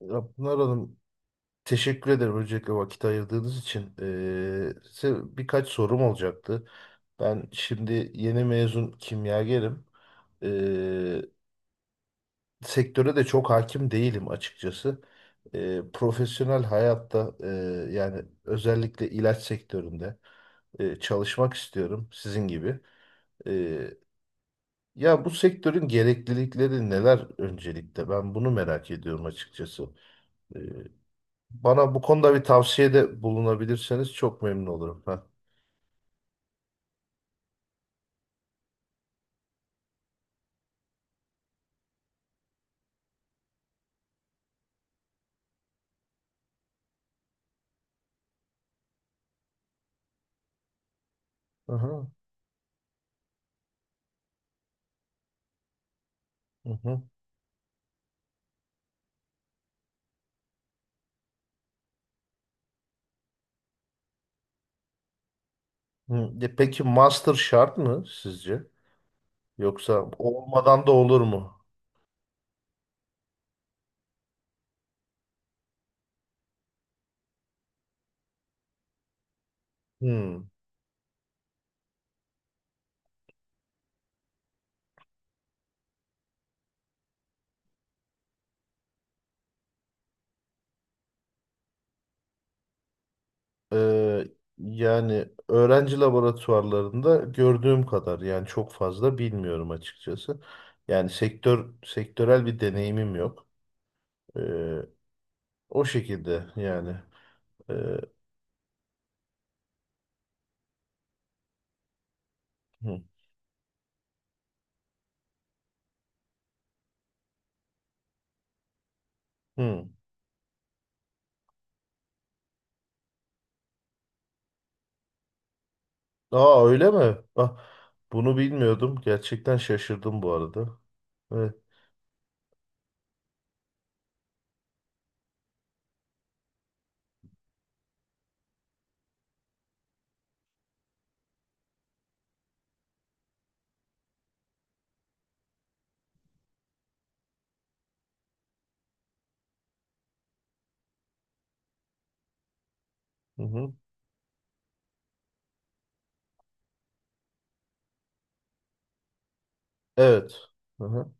Ya Pınar Hanım teşekkür ederim öncelikle vakit ayırdığınız için. Size birkaç sorum olacaktı. Ben şimdi yeni mezun kimyagerim. Ee, Sektöre de çok hakim değilim açıkçası. Profesyonel hayatta yani özellikle ilaç sektöründe çalışmak istiyorum sizin gibi. Ee, ya bu sektörün gereklilikleri neler öncelikle? Ben bunu merak ediyorum açıkçası. Ee, Bana bu konuda bir tavsiyede bulunabilirseniz çok memnun olurum. Heh. Aha, aha. Hı. Hı. E peki master şart mı sizce? Yoksa olmadan da olur mu? Hı. Ee, Yani öğrenci laboratuvarlarında gördüğüm kadar yani çok fazla bilmiyorum açıkçası. Yani sektör sektörel bir deneyimim yok. Ee, O şekilde yani. Ee, hı, hı. Aa öyle mi? Bak bunu bilmiyordum. Gerçekten şaşırdım bu arada. Evet. Hı hı. Evet. Hı hı.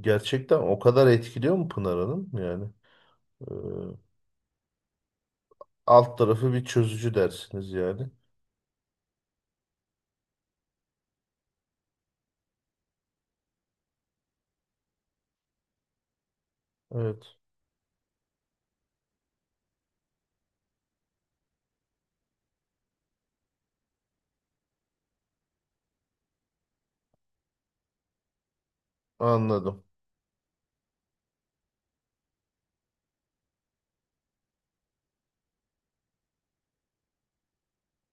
Gerçekten o kadar etkiliyor mu Pınar Hanım? Yani e, alt tarafı bir çözücü dersiniz yani. Evet. Anladım.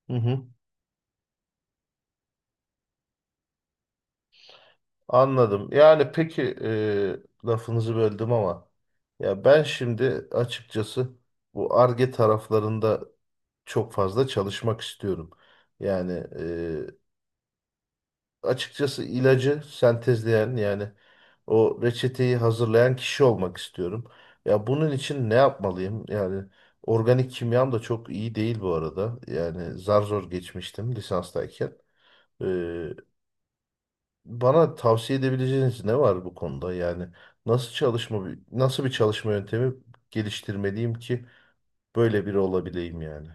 Hı hı. Anladım. Yani peki lafınızı böldüm ama ya ben şimdi açıkçası bu Ar-Ge taraflarında çok fazla çalışmak istiyorum. Yani e, açıkçası ilacı sentezleyen yani o reçeteyi hazırlayan kişi olmak istiyorum. Ya bunun için ne yapmalıyım? Yani organik kimyam da çok iyi değil bu arada. Yani zar zor geçmiştim lisanstayken. E, Bana tavsiye edebileceğiniz ne var bu konuda? Yani nasıl çalışma nasıl bir çalışma yöntemi geliştirmeliyim ki böyle biri olabileyim yani?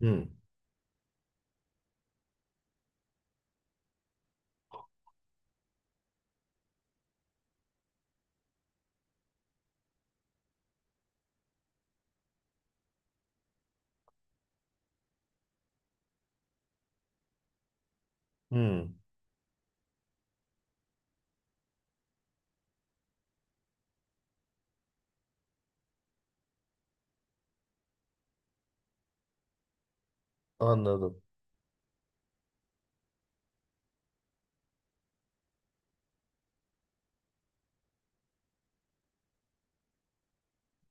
Hmm, hmm, anladım.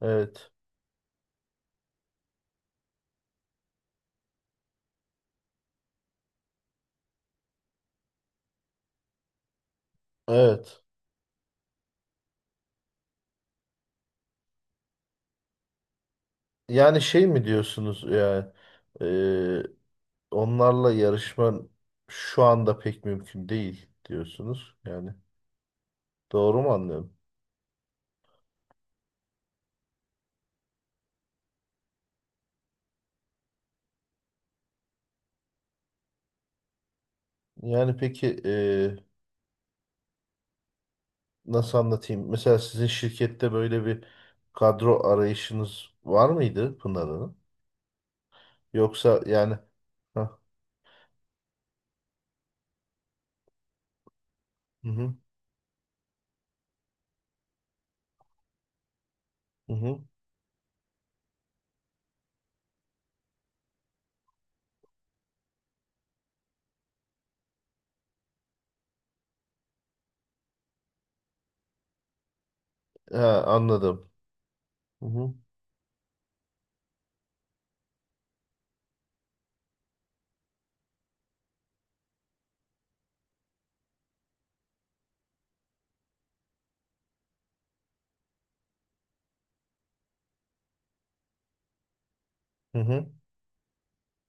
Evet, evet. Yani şey mi diyorsunuz yani e, onlarla yarışma şu anda pek mümkün değil diyorsunuz. Yani doğru mu anlıyorum? Yani peki nasıl anlatayım? Mesela sizin şirkette böyle bir kadro arayışınız var mıydı Pınar Hanım? Yoksa yani ha, hı hı, hı hı. Ha, anladım. Hı hı, hı hı.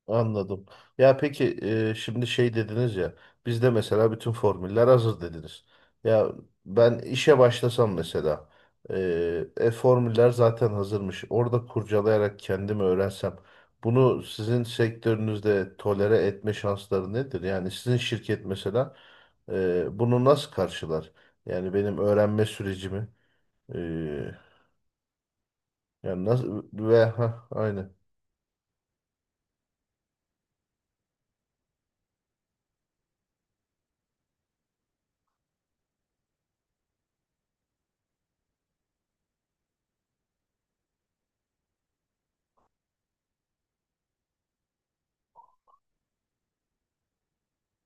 Anladım. Ya peki şimdi şey dediniz ya bizde mesela bütün formüller hazır dediniz. Ya ben işe başlasam mesela formüller zaten hazırmış. Orada kurcalayarak kendimi öğrensem bunu sizin sektörünüzde tolere etme şansları nedir? Yani sizin şirket mesela bunu nasıl karşılar? Yani benim öğrenme sürecimi. Yani nasıl ve ha aynı.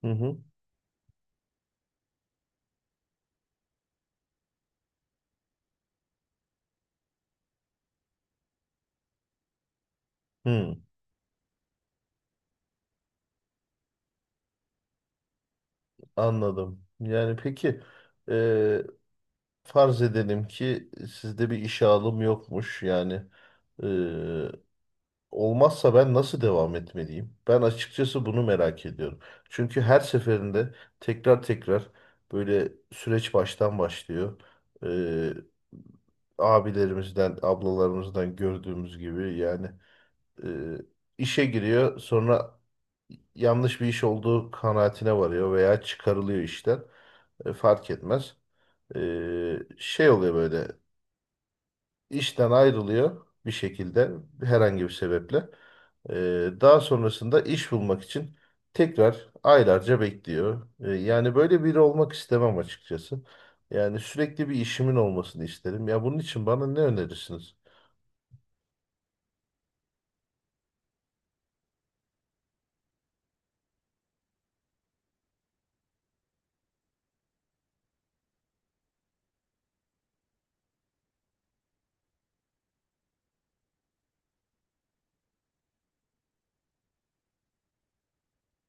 Hı hı. Hı, anladım. Yani peki e, farz edelim ki sizde bir işe alım yokmuş. Yani e, olmazsa ben nasıl devam etmeliyim? Ben açıkçası bunu merak ediyorum. Çünkü her seferinde tekrar tekrar böyle süreç baştan başlıyor. E, Abilerimizden, ablalarımızdan gördüğümüz gibi yani e, işe giriyor sonra yanlış bir iş olduğu kanaatine varıyor veya çıkarılıyor işten. Fark etmez. E, Şey oluyor böyle işten ayrılıyor bir şekilde herhangi bir sebeple. E, Daha sonrasında iş bulmak için tekrar aylarca bekliyor. Yani böyle biri olmak istemem açıkçası. Yani sürekli bir işimin olmasını isterim. Ya bunun için bana ne önerirsiniz?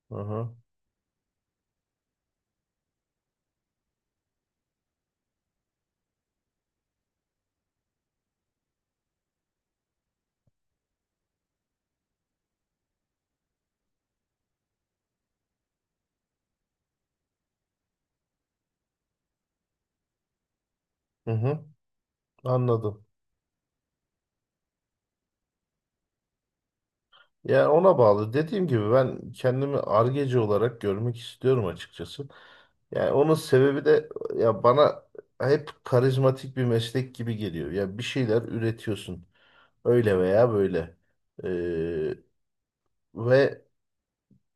Hı hı. Hı hı. Anladım. Yani ona bağlı. Dediğim gibi ben kendimi argeci olarak görmek istiyorum açıkçası. Yani onun sebebi de ya bana hep karizmatik bir meslek gibi geliyor. Ya bir şeyler üretiyorsun. Öyle veya böyle. Ee, Ve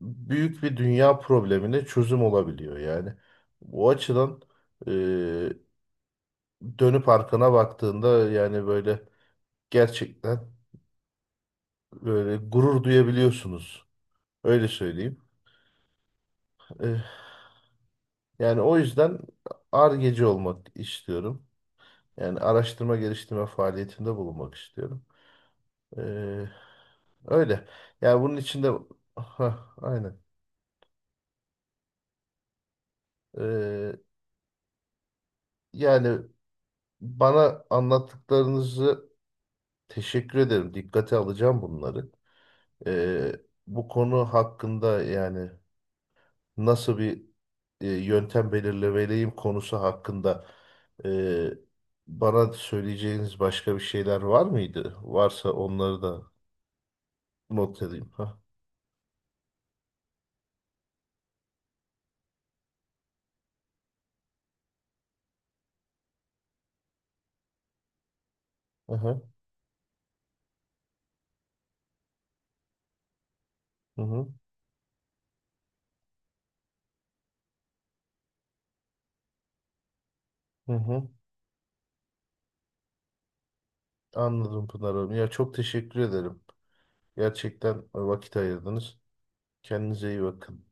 büyük bir dünya problemine çözüm olabiliyor yani. Bu açıdan e, dönüp arkana baktığında yani böyle gerçekten böyle gurur duyabiliyorsunuz. Öyle söyleyeyim. Ee, Yani o yüzden Ar-Ge'ci olmak istiyorum. Yani araştırma geliştirme faaliyetinde bulunmak istiyorum. Ee, Öyle. Yani bunun içinde. Hah, aynen. Ee, Yani bana anlattıklarınızı teşekkür ederim. Dikkate alacağım bunları. Ee, Bu konu hakkında yani nasıl bir yöntem belirlemeliyim konusu hakkında e, bana söyleyeceğiniz başka bir şeyler var mıydı? Varsa onları da not edeyim. Ha. Aha. Hı hı. Hı hı. Hı. Anladım Pınar Hanım. Ya çok teşekkür ederim. Gerçekten vakit ayırdınız. Kendinize iyi bakın.